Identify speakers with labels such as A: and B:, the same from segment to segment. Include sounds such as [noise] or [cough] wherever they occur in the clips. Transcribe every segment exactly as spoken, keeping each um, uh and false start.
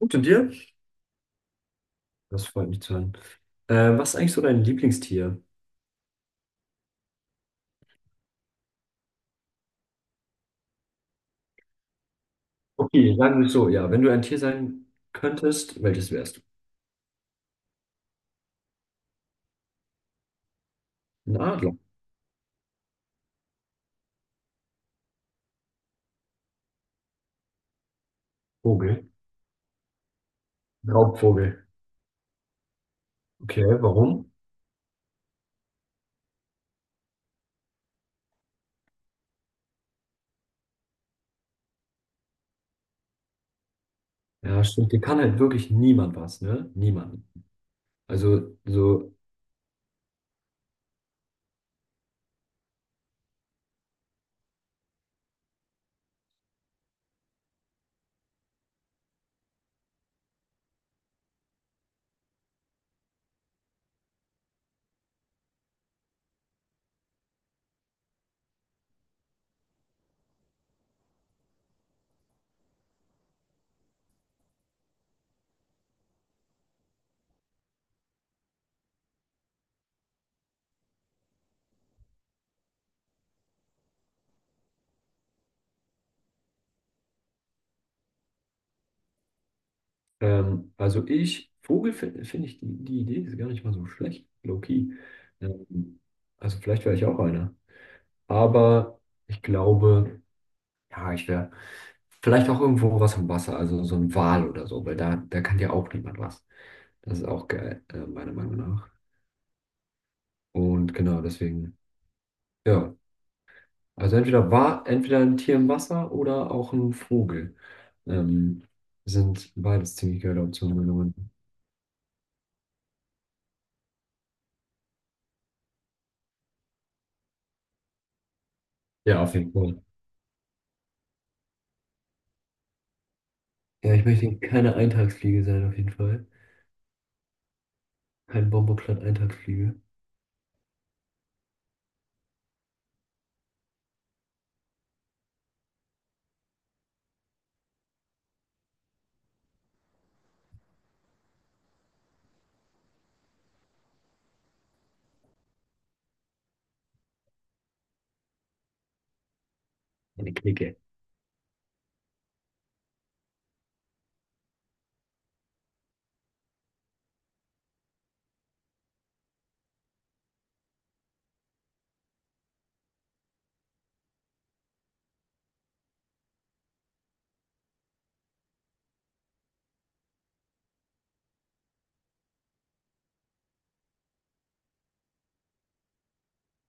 A: Gut, und dir? Das freut mich zu hören. Äh, was ist eigentlich so dein Lieblingstier? Okay, sagen wir so, ja, wenn du ein Tier sein könntest, welches wärst du? Ein Adler. Vogel. Raubvogel. Okay, warum? Ja, stimmt, dir kann halt wirklich niemand was, ne? Niemand. Also, so, ähm, also ich, Vogel finde find find ich die, die Idee ist gar nicht mal so schlecht, low-key. Ähm, also vielleicht wäre ich auch einer. Aber ich glaube. Ja, ich wäre vielleicht auch irgendwo was am Wasser, also so ein Wal oder so, weil da, da kann dir auch niemand was. Das ist auch geil, äh, meiner Meinung nach. Und genau, deswegen, ja. Also entweder war, entweder ein Tier im Wasser oder auch ein Vogel. Ähm, sind beides ziemlich geile Optionen genommen. Ja, auf jeden Fall. Ja, ich möchte keine Eintagsfliege sein, auf jeden Fall. Kein Bomboplat-Eintagsfliege. Eine Clique.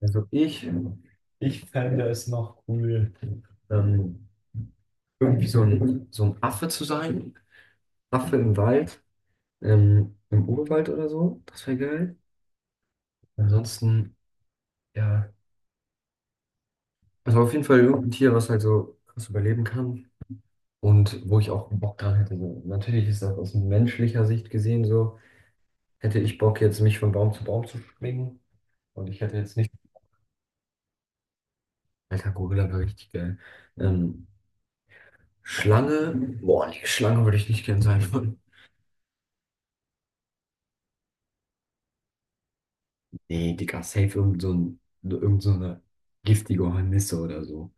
A: Also ich, ich fände es noch cool, ähm, irgendwie so ein, so ein Affe zu sein. Affe im Wald, ähm, im Urwald oder so. Das wäre geil. Ansonsten, ja. Also auf jeden Fall irgendein Tier, was halt so krass überleben kann. Und wo ich auch Bock dran hätte. So, natürlich ist das aus menschlicher Sicht gesehen so. Hätte ich Bock, jetzt mich von Baum zu Baum zu schwingen. Und ich hätte jetzt nicht. Alter, Gorilla wäre richtig geil. Ähm, Schlange. Boah, nee, Schlange würde ich nicht gern sein wollen. Nee, Digga, safe irgend so ein, irgend so eine giftige Hornisse oder so.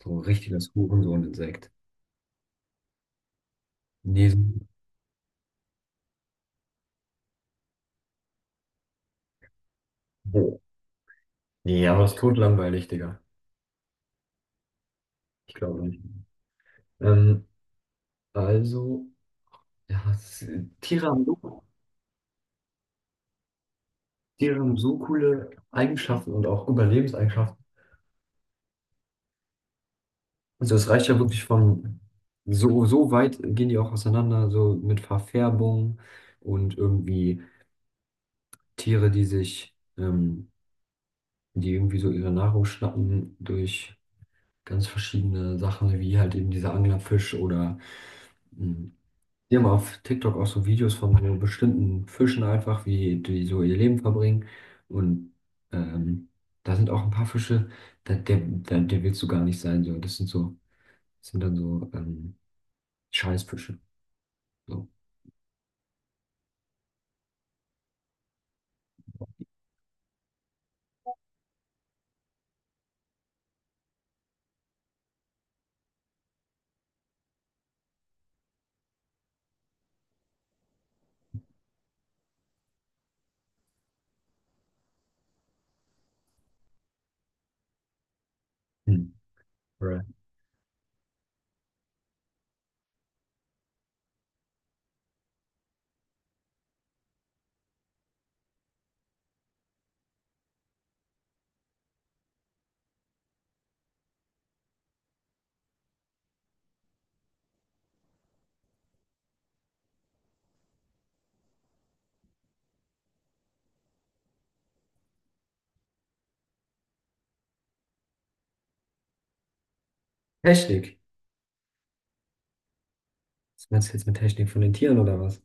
A: So ein richtiges Hurensohn-Insekt. Nee, so- oh. Nee, aber es ist totlangweilig, Digga. Ich glaube nicht. Ähm, also, ja, es, Tiere haben so, Tiere haben so coole Eigenschaften und auch Überlebenseigenschaften. Also es reicht ja wirklich von so, so weit gehen die auch auseinander, so mit Verfärbung und irgendwie Tiere, die sich, ähm, die irgendwie so ihre Nahrung schnappen durch ganz verschiedene Sachen, wie halt eben dieser Anglerfisch oder hm, die haben auf TikTok auch so Videos von so bestimmten Fischen einfach, wie die so ihr Leben verbringen. Und ähm, da sind auch ein paar Fische, da, der, der, der willst du gar nicht sein. So. Das sind so, das sind dann so ähm, Scheißfische. So. Hm. Alright. Technik. Was meinst du jetzt mit Technik von den Tieren oder was?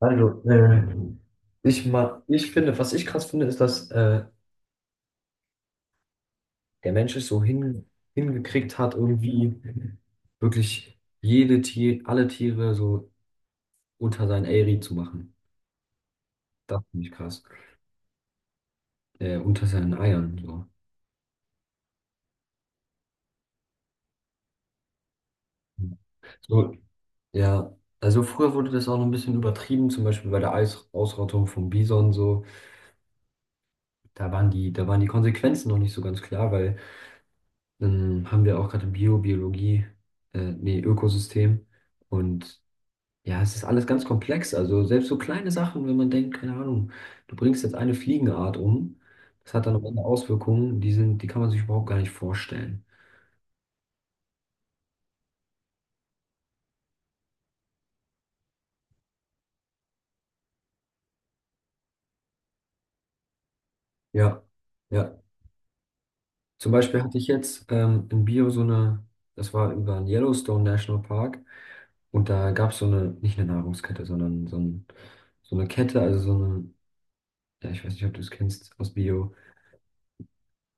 A: Also, äh, ich, ma ich finde, was ich krass finde, ist, dass äh, der Mensch es so hin hingekriegt hat, irgendwie wirklich jede Tier, alle Tiere so unter seinen Eyri zu machen. Das finde ich krass. Äh, unter seinen Eiern, so. So, ja. Also früher wurde das auch noch ein bisschen übertrieben, zum Beispiel bei der Eis Ausrottung vom Bison so. Da waren die, da waren die Konsequenzen noch nicht so ganz klar, weil dann haben wir auch gerade Bio, Biologie, äh, nee, Ökosystem. Und ja, es ist alles ganz komplex. Also selbst so kleine Sachen, wenn man denkt, keine Ahnung, du bringst jetzt eine Fliegenart um, das hat dann am Ende Auswirkungen, die sind, die kann man sich überhaupt gar nicht vorstellen. Ja. Ja, zum Beispiel hatte ich jetzt ähm, in Bio so eine, das war über den Yellowstone National Park und da gab es so eine, nicht eine Nahrungskette, sondern so, ein, so eine Kette, also so eine, ja, ich weiß nicht, ob du es kennst aus Bio,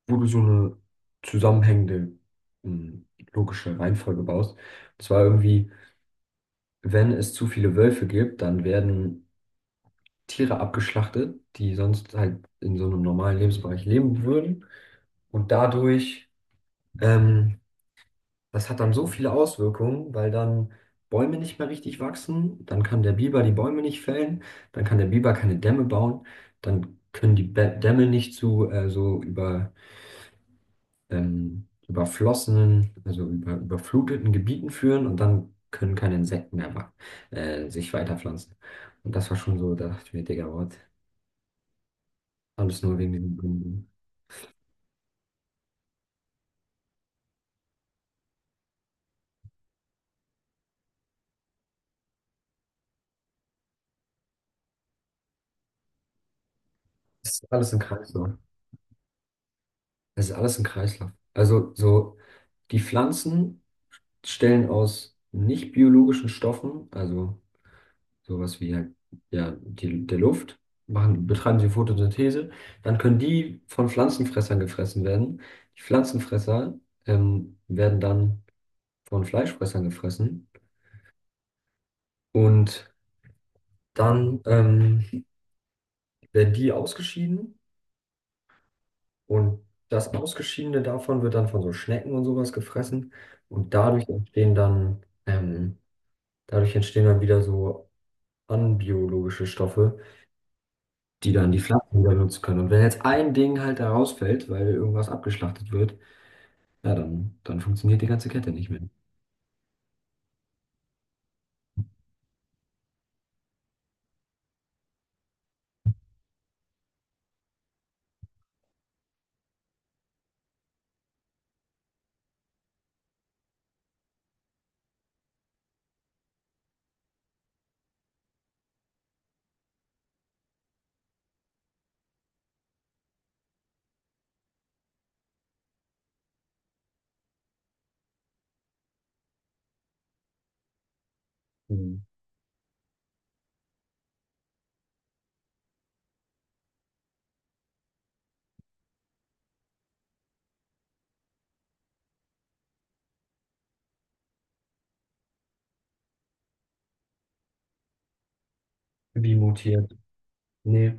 A: wo du so eine zusammenhängende, ähm, logische Reihenfolge baust. Und zwar irgendwie, wenn es zu viele Wölfe gibt, dann werden Tiere abgeschlachtet, die sonst halt in so einem normalen Lebensbereich leben würden und dadurch. Ähm, Das hat dann so viele Auswirkungen, weil dann Bäume nicht mehr richtig wachsen, dann kann der Biber die Bäume nicht fällen, dann kann der Biber keine Dämme bauen, dann können die Bä- Dämme nicht zu äh, so über, ähm, überflossenen, also über, überfluteten Gebieten führen und dann können keine Insekten mehr wa- äh, sich weiterpflanzen. Und das war schon so, da dachte ich mir, Digga, what? Alles nur wegen diesem, Gründen. Das ist alles im Kreislauf. Es ist alles ein Kreislauf. Also so, die Pflanzen stellen aus nicht biologischen Stoffen, also sowas wie halt, ja, die, der Luft, machen, betreiben sie Photosynthese, dann können die von Pflanzenfressern gefressen werden. Die Pflanzenfresser ähm, werden dann von Fleischfressern gefressen und dann ähm, werden die ausgeschieden und das Ausgeschiedene davon wird dann von so Schnecken und sowas gefressen und dadurch entstehen dann ähm, dadurch entstehen dann wieder so anbiologische Stoffe, die dann die Pflanzen wieder nutzen können. Und wenn jetzt ein Ding halt da rausfällt, weil irgendwas abgeschlachtet wird, ja, dann, dann funktioniert die ganze Kette nicht mehr. Hm. Wie mutiert. Nee,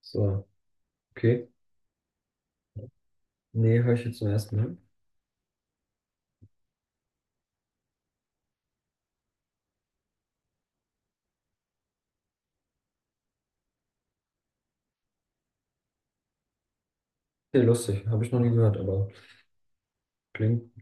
A: so, okay. Nee, höre ich jetzt zum ersten Mal. Nee, lustig, habe ich noch nie gehört, aber klingt,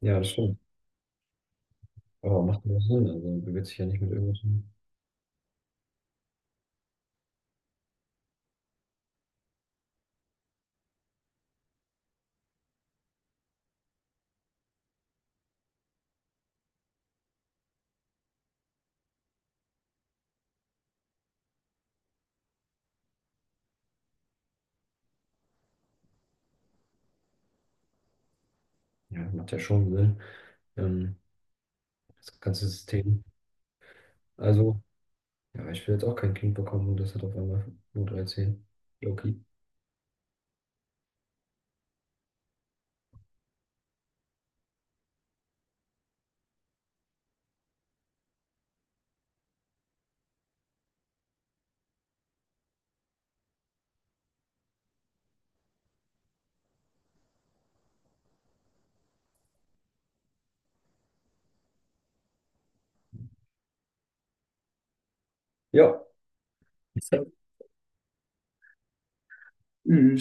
A: ja, das stimmt. Aber macht nur Sinn, also bewegt sich ja nicht mit irgendwas. Ja, macht ja schon Sinn, ähm, das ganze System. Also, ja, ich will jetzt auch kein Kind bekommen und das hat auf einmal nur dreizehn. Zehen. Loki. Ja, [laughs] so. Mhm.